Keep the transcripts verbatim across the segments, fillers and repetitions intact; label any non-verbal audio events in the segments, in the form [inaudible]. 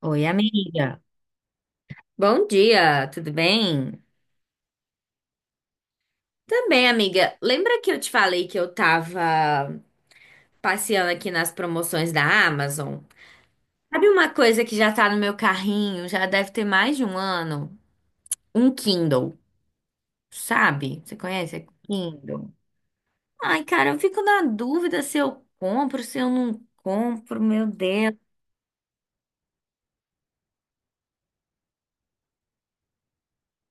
Oi, amiga. Bom dia, tudo bem? Também, amiga. Lembra que eu te falei que eu tava passeando aqui nas promoções da Amazon? Sabe uma coisa que já tá no meu carrinho, já deve ter mais de um ano? Um Kindle, sabe? Você conhece Kindle? Ai, cara, eu fico na dúvida se eu compro, se eu não compro, meu Deus.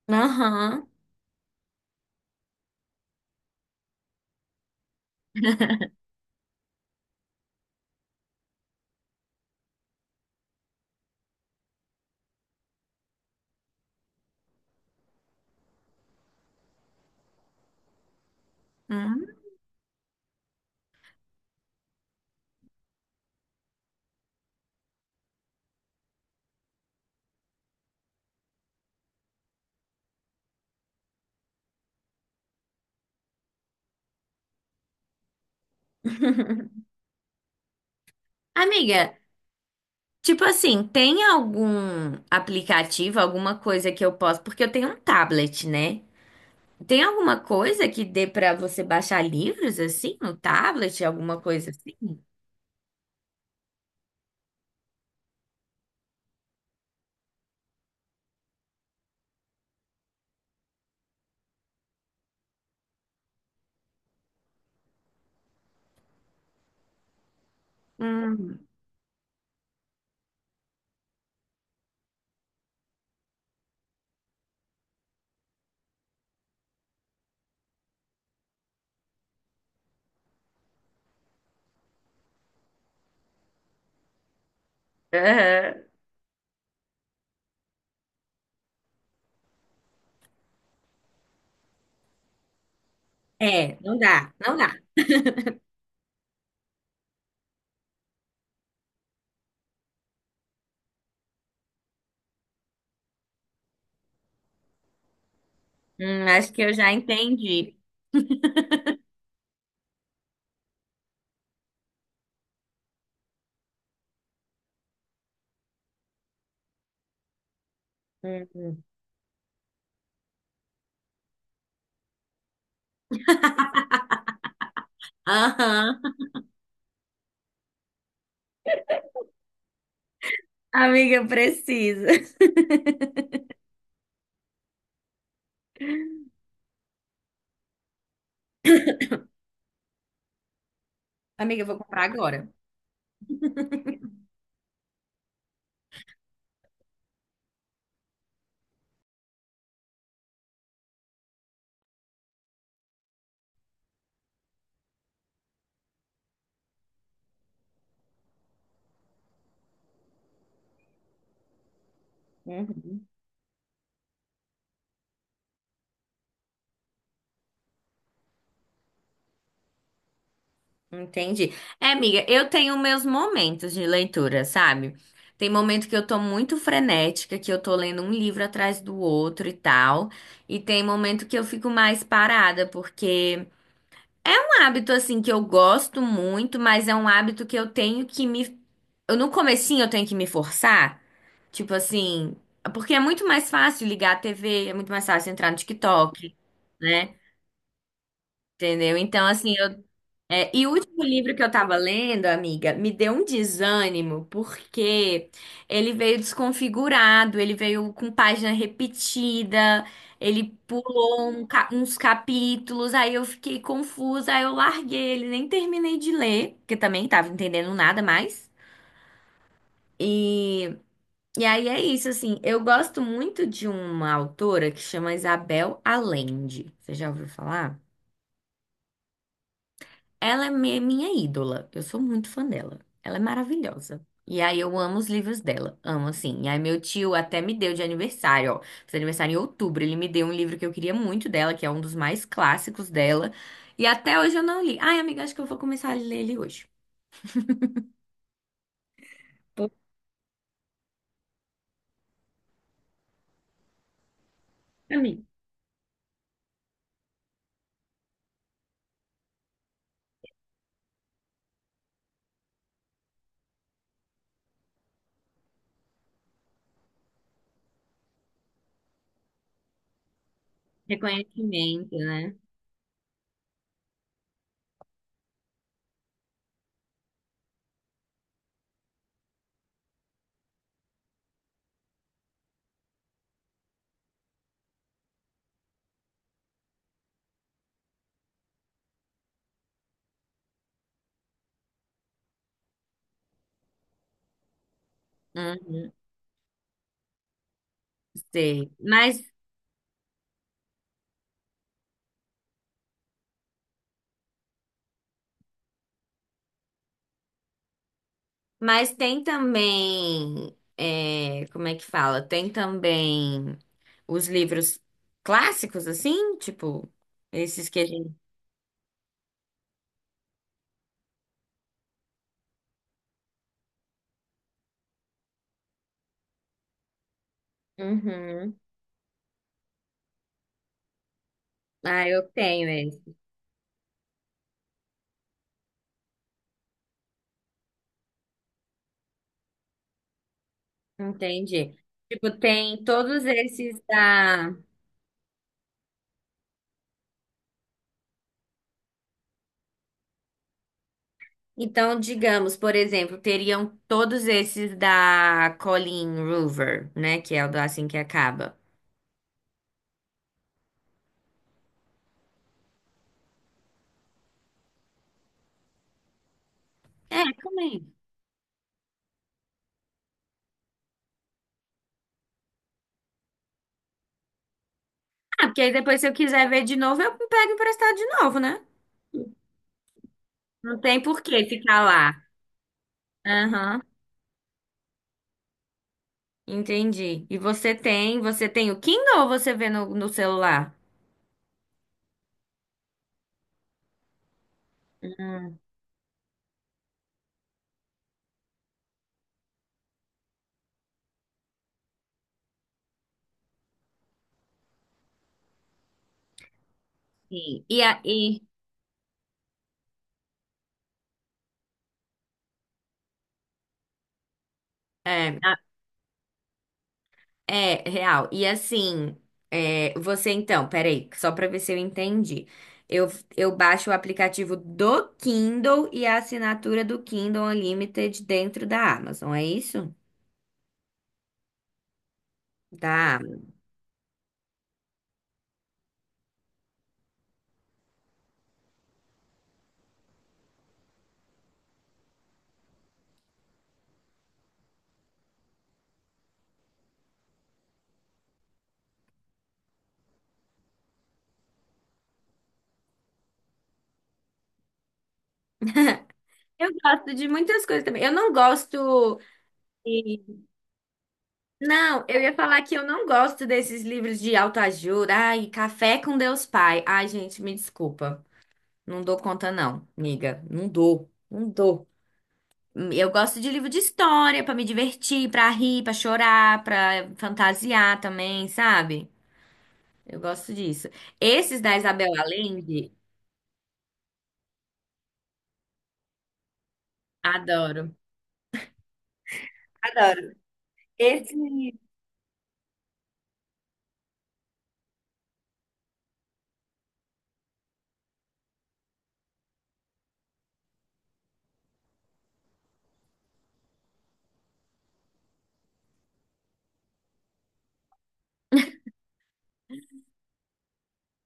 Aham. Hum. Amiga, tipo assim, tem algum aplicativo, alguma coisa que eu posso, porque eu tenho um tablet, né? Tem alguma coisa que dê pra você baixar livros assim no tablet, alguma coisa assim? Hum, aham. É, não dá, não dá. Hum, acho que eu já entendi. Uhum. Aham. [laughs] Amiga, eu preciso. [laughs] Amiga, eu vou comprar agora. Uhum. Entendi. É, amiga, eu tenho meus momentos de leitura, sabe? Tem momento que eu tô muito frenética, que eu tô lendo um livro atrás do outro e tal. E tem momento que eu fico mais parada, porque é um hábito assim que eu gosto muito, mas é um hábito que eu tenho que me eu no comecinho eu tenho que me forçar, tipo assim, porque é muito mais fácil ligar a T V, é muito mais fácil entrar no TikTok, né? Entendeu? Então, assim, eu é, e o último livro que eu tava lendo, amiga, me deu um desânimo, porque ele veio desconfigurado, ele veio com página repetida, ele pulou um ca- uns capítulos, aí eu fiquei confusa, aí eu larguei ele, nem terminei de ler, porque também tava entendendo nada mais. E, e aí é isso, assim, eu gosto muito de uma autora que chama Isabel Allende. Você já ouviu falar? Ela é mi- minha ídola. Eu sou muito fã dela. Ela é maravilhosa. E aí eu amo os livros dela. Amo, assim. E aí meu tio até me deu de aniversário, ó. Fez aniversário em outubro. Ele me deu um livro que eu queria muito dela, que é um dos mais clássicos dela. E até hoje eu não li. Ai, amiga, acho que eu vou começar a ler ele hoje. Pouco pra mim. Reconhecimento, né? Uhum, sei. Mas Mas tem também, é, como é que fala? Tem também os livros clássicos, assim, tipo, esses que a gente. Uhum. Ah, eu tenho eles. Entendi. Tipo, tem todos esses da. Então, digamos, por exemplo, teriam todos esses da Colleen Hoover, né? Que é o do Assim que Acaba. É, também. Ah, porque aí depois, se eu quiser ver de novo, eu pego emprestado de novo, né? Não tem por que ficar lá. Aham, entendi. E você tem, você tem o Kindle ou você vê no, no celular? Sim. E aí, é, a- é real. E assim, é, você então, peraí, só para ver se eu entendi. Eu, eu baixo o aplicativo do Kindle e a assinatura do Kindle Unlimited dentro da Amazon, é isso? Da Amazon. Eu gosto de muitas coisas também. Eu não gosto. Não, eu ia falar que eu não gosto desses livros de autoajuda. Ai, Café com Deus Pai. Ai, gente, me desculpa. Não dou conta, não, amiga. Não dou, não dou. Eu gosto de livro de história pra me divertir, pra rir, pra chorar, pra fantasiar também, sabe? Eu gosto disso. Esses da Isabel Allende, adoro. Adoro. Esse,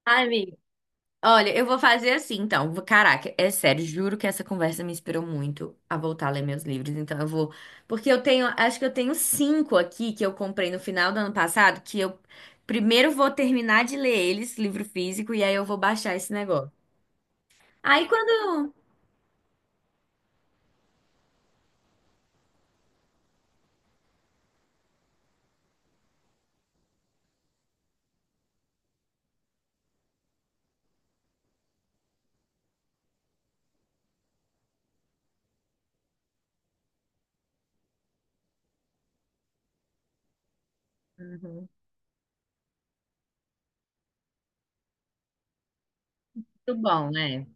ai, amiga. Olha, eu vou fazer assim, então. Vou- Caraca, é sério, juro que essa conversa me inspirou muito a voltar a ler meus livros. Então eu vou. Porque eu tenho, acho que eu tenho cinco aqui que eu comprei no final do ano passado, que eu primeiro vou terminar de ler eles, livro físico, e aí eu vou baixar esse negócio. Aí quando. Uhum. Muito bom, né?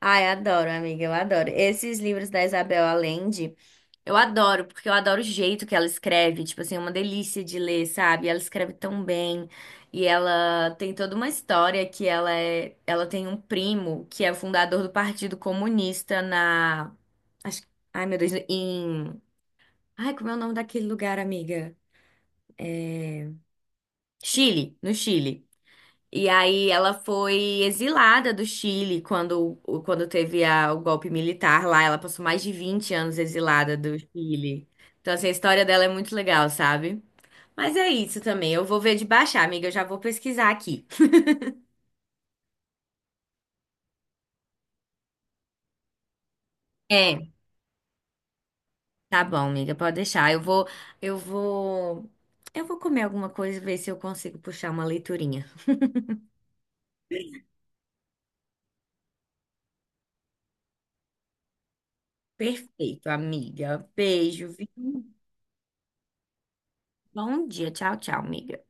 Ai, adoro, amiga, eu adoro. Esses livros da Isabel Allende. Eu adoro, porque eu adoro o jeito que ela escreve, tipo assim, é uma delícia de ler, sabe? Ela escreve tão bem e ela tem toda uma história que ela é, ela tem um primo que é fundador do Partido Comunista na, acho, ai meu Deus, em, ai como é o nome daquele lugar, amiga? Chile, no Chile. E aí ela foi exilada do Chile quando, o- quando teve a- o golpe militar lá, ela passou mais de vinte anos exilada do Chile. Então assim, a história dela é muito legal, sabe? Mas é isso também. Eu vou ver de baixar, amiga. Eu já vou pesquisar aqui. É, tá bom, amiga. Pode deixar. Eu vou, eu vou, eu vou comer alguma coisa e ver se eu consigo puxar uma leiturinha. Perfeito, amiga. Beijo, viu? Bom dia. Tchau, tchau, amiga.